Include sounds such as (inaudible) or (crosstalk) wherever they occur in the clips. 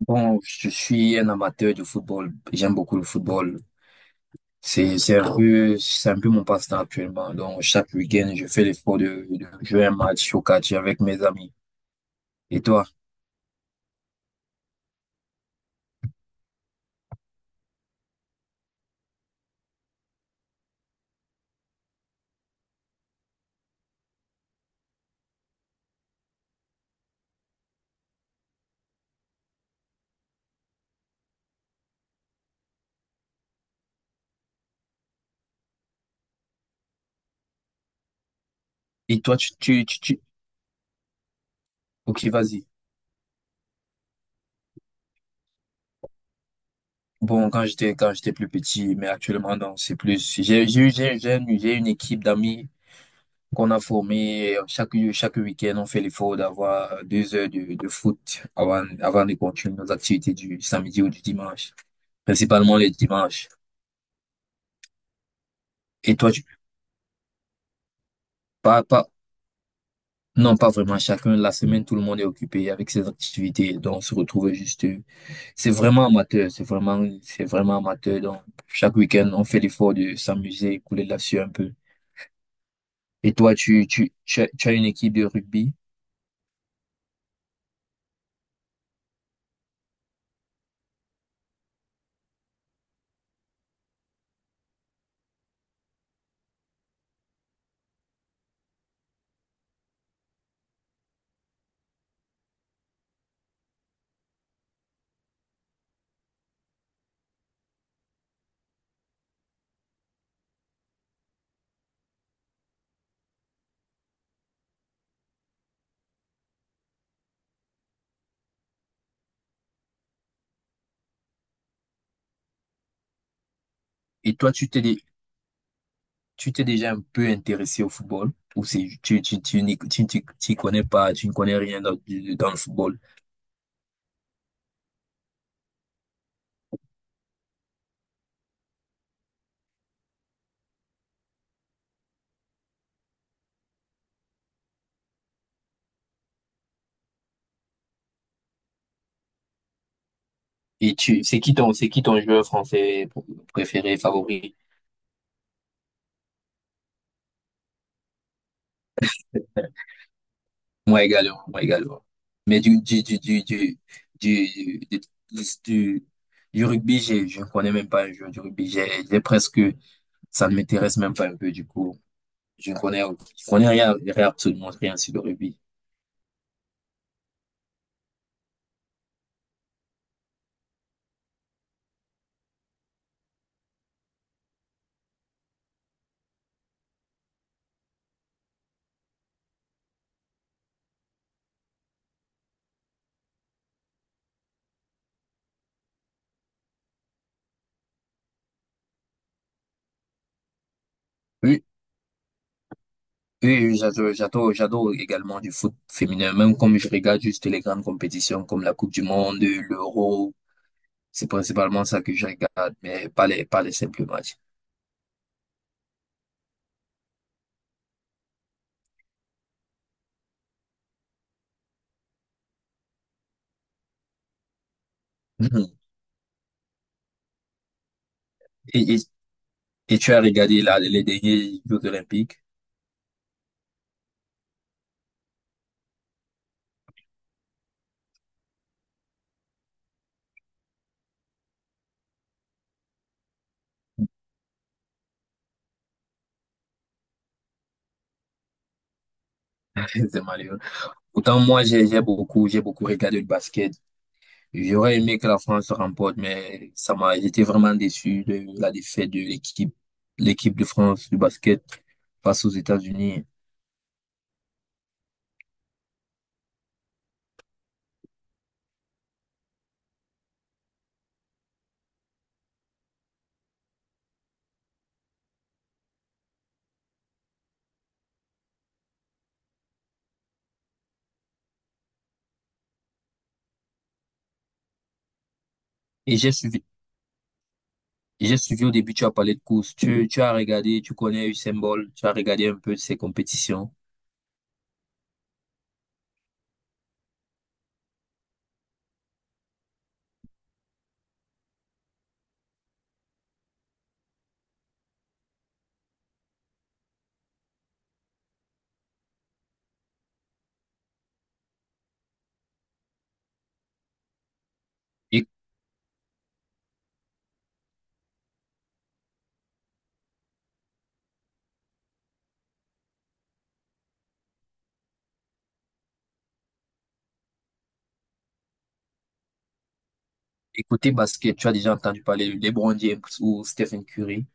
Bon, je suis un amateur de football. J'aime beaucoup le football. C'est un peu mon passe-temps actuellement. Donc, chaque week-end, je fais l'effort de jouer un match au catch avec mes amis. Et toi? Et toi, tu... Ok, vas-y. Bon, quand j'étais plus petit, mais actuellement, non, c'est plus, j'ai, eu- j'ai une équipe d'amis qu'on a formée. Chaque week-end, on fait l'effort d'avoir deux heures de foot avant de continuer nos activités du samedi ou du dimanche. Principalement les dimanches. Et toi, tu, Pas, pas, non, pas vraiment. Chacun, la semaine, tout le monde est occupé avec ses activités. Donc, on se retrouve juste. C'est vraiment amateur. C'est vraiment amateur. Donc, chaque week-end, on fait l'effort de s'amuser, couler là-dessus un peu. Et toi, tu as une équipe de rugby. Et toi, tu t'es déjà un peu intéressé au football. Ou c'est, tu y connais pas, tu ne connais rien dans, dans le football. Et tu, c'est qui ton joueur français préféré, favori? Moi également. Mais du, du, du- du rugby, je ne connais même pas un joueur du rugby. J'ai presque, ça ne m'intéresse même pas un peu du coup. Je ne connais, je connais rien, rien, absolument rien sur le rugby. Oui, oui, oui, j'adore également du foot féminin, même comme je regarde juste les grandes compétitions comme la Coupe du Monde, l'Euro. C'est principalement ça que je regarde, mais pas les simples matchs. (laughs) Mhm. Et, et, et tu as regardé là, les derniers Jeux Olympiques? (laughs) C'est malheureux. Pourtant, moi, j'ai beaucoup regardé le basket. J'aurais aimé que la France remporte, mais ça m'a, j'étais vraiment déçu de la défaite de l'équipe de France du basket face aux États-Unis. Et j'ai suivi au début, tu as parlé de course. Tu as regardé, tu connais Usain Bolt, tu as regardé un peu ses compétitions. Et, et côté basket, tu as déjà entendu parler de LeBron James ou Stephen Curry.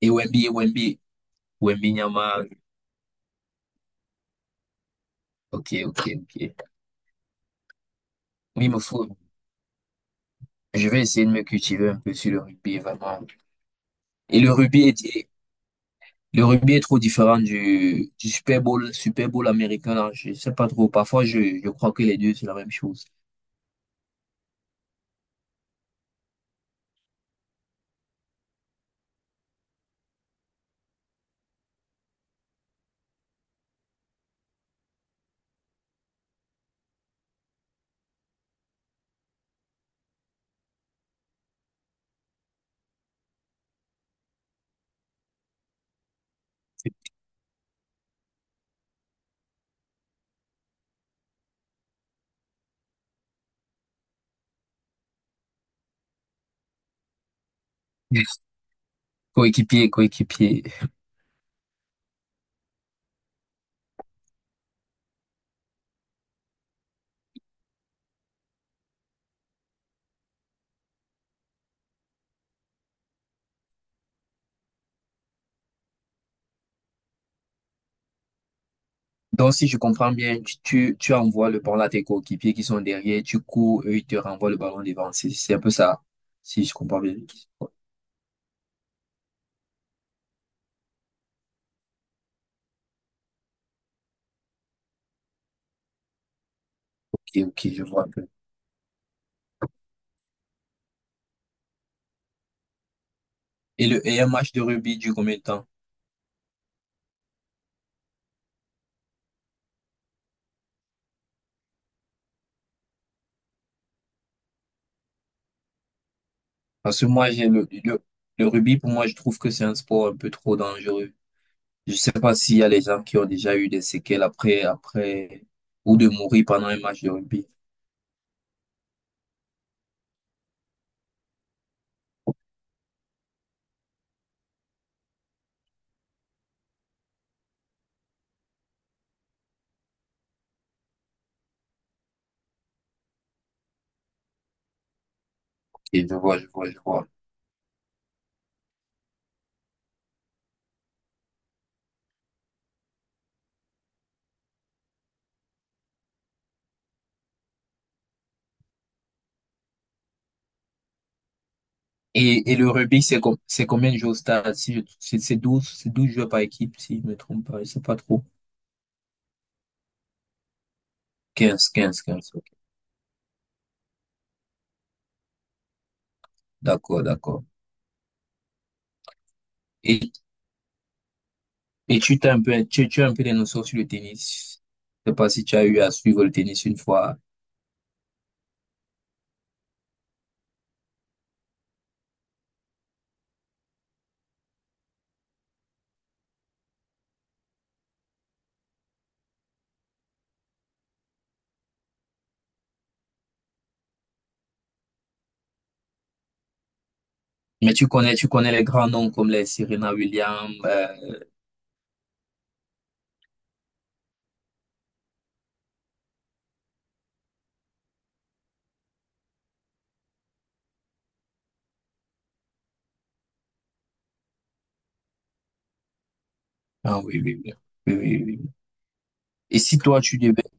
Et Wemby, et Wemby, Wembanyama, ok, ok, ok. Oui, me faut. Je vais essayer de me cultiver un peu sur le rugby, vraiment. Et le rugby est, le rugby est trop différent du Super Bowl, Super Bowl américain, là. Je sais pas trop. Parfois, je crois que les deux, c'est la même chose. (laughs) Coéquipier, coéquipier. Donc, si je comprends bien, tu envoies le ballon à tes coéquipiers qui sont derrière, tu cours, eux, ils te renvoient le ballon devant. C'est un peu ça. Si je comprends bien. Ok, ok, je vois un peu. Et un match de rugby dure combien de temps? Parce que moi, le rugby, pour moi, je trouve que c'est un sport un peu trop dangereux. Je sais pas s'il y a les gens qui ont déjà eu des séquelles après, ou de mourir pendant un match de rugby. Et je vois. Et le rugby, c'est combien de joueurs au stade? Si je- c'est 12, c'est 12 joueurs par équipe, si je me trompe pas, je sais pas trop. Quinze, ok. D'accord, d'accord. Et, et tu as un peu des notions sur le tennis. Je sais pas si tu as eu à suivre le tennis une fois. Mais tu connais les grands noms comme les Serena Williams. Ah oui. Et si toi, tu devais,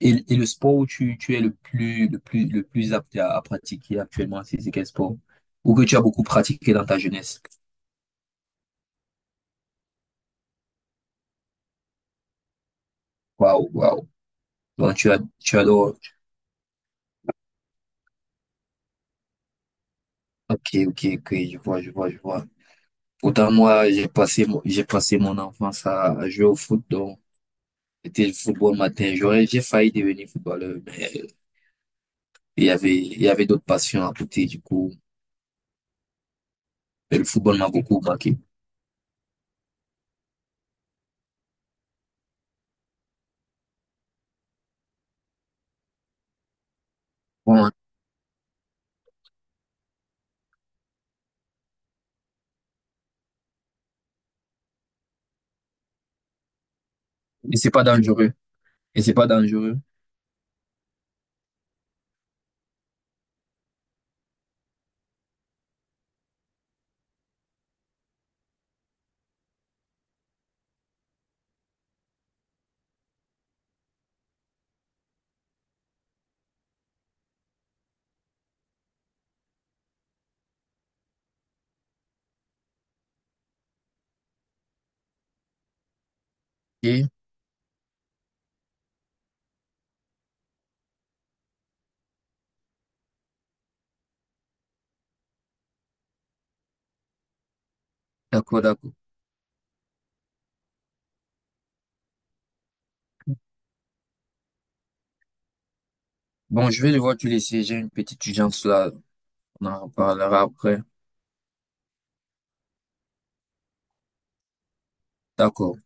et le sport où tu es le plus apte à pratiquer actuellement, c'est quel sport? Ou que tu as beaucoup pratiqué dans ta jeunesse? Waouh, waouh. Donc, tu as, tu adores. Ok, ok, ok, je vois. Autant moi, j'ai passé mon enfance à jouer au foot, donc c'était le football matin. J'ai failli devenir footballeur, mais il y avait d'autres passions à côté, du coup. Et le football m'a beaucoup marqué. Bon, et c'est pas dangereux. Et c'est pas dangereux. Ok, d'accord, d'accord. Bon, je vais devoir te laisser. J'ai une petite urgence là. On en reparlera après. D'accord.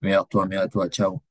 Mais à toi. Ciao.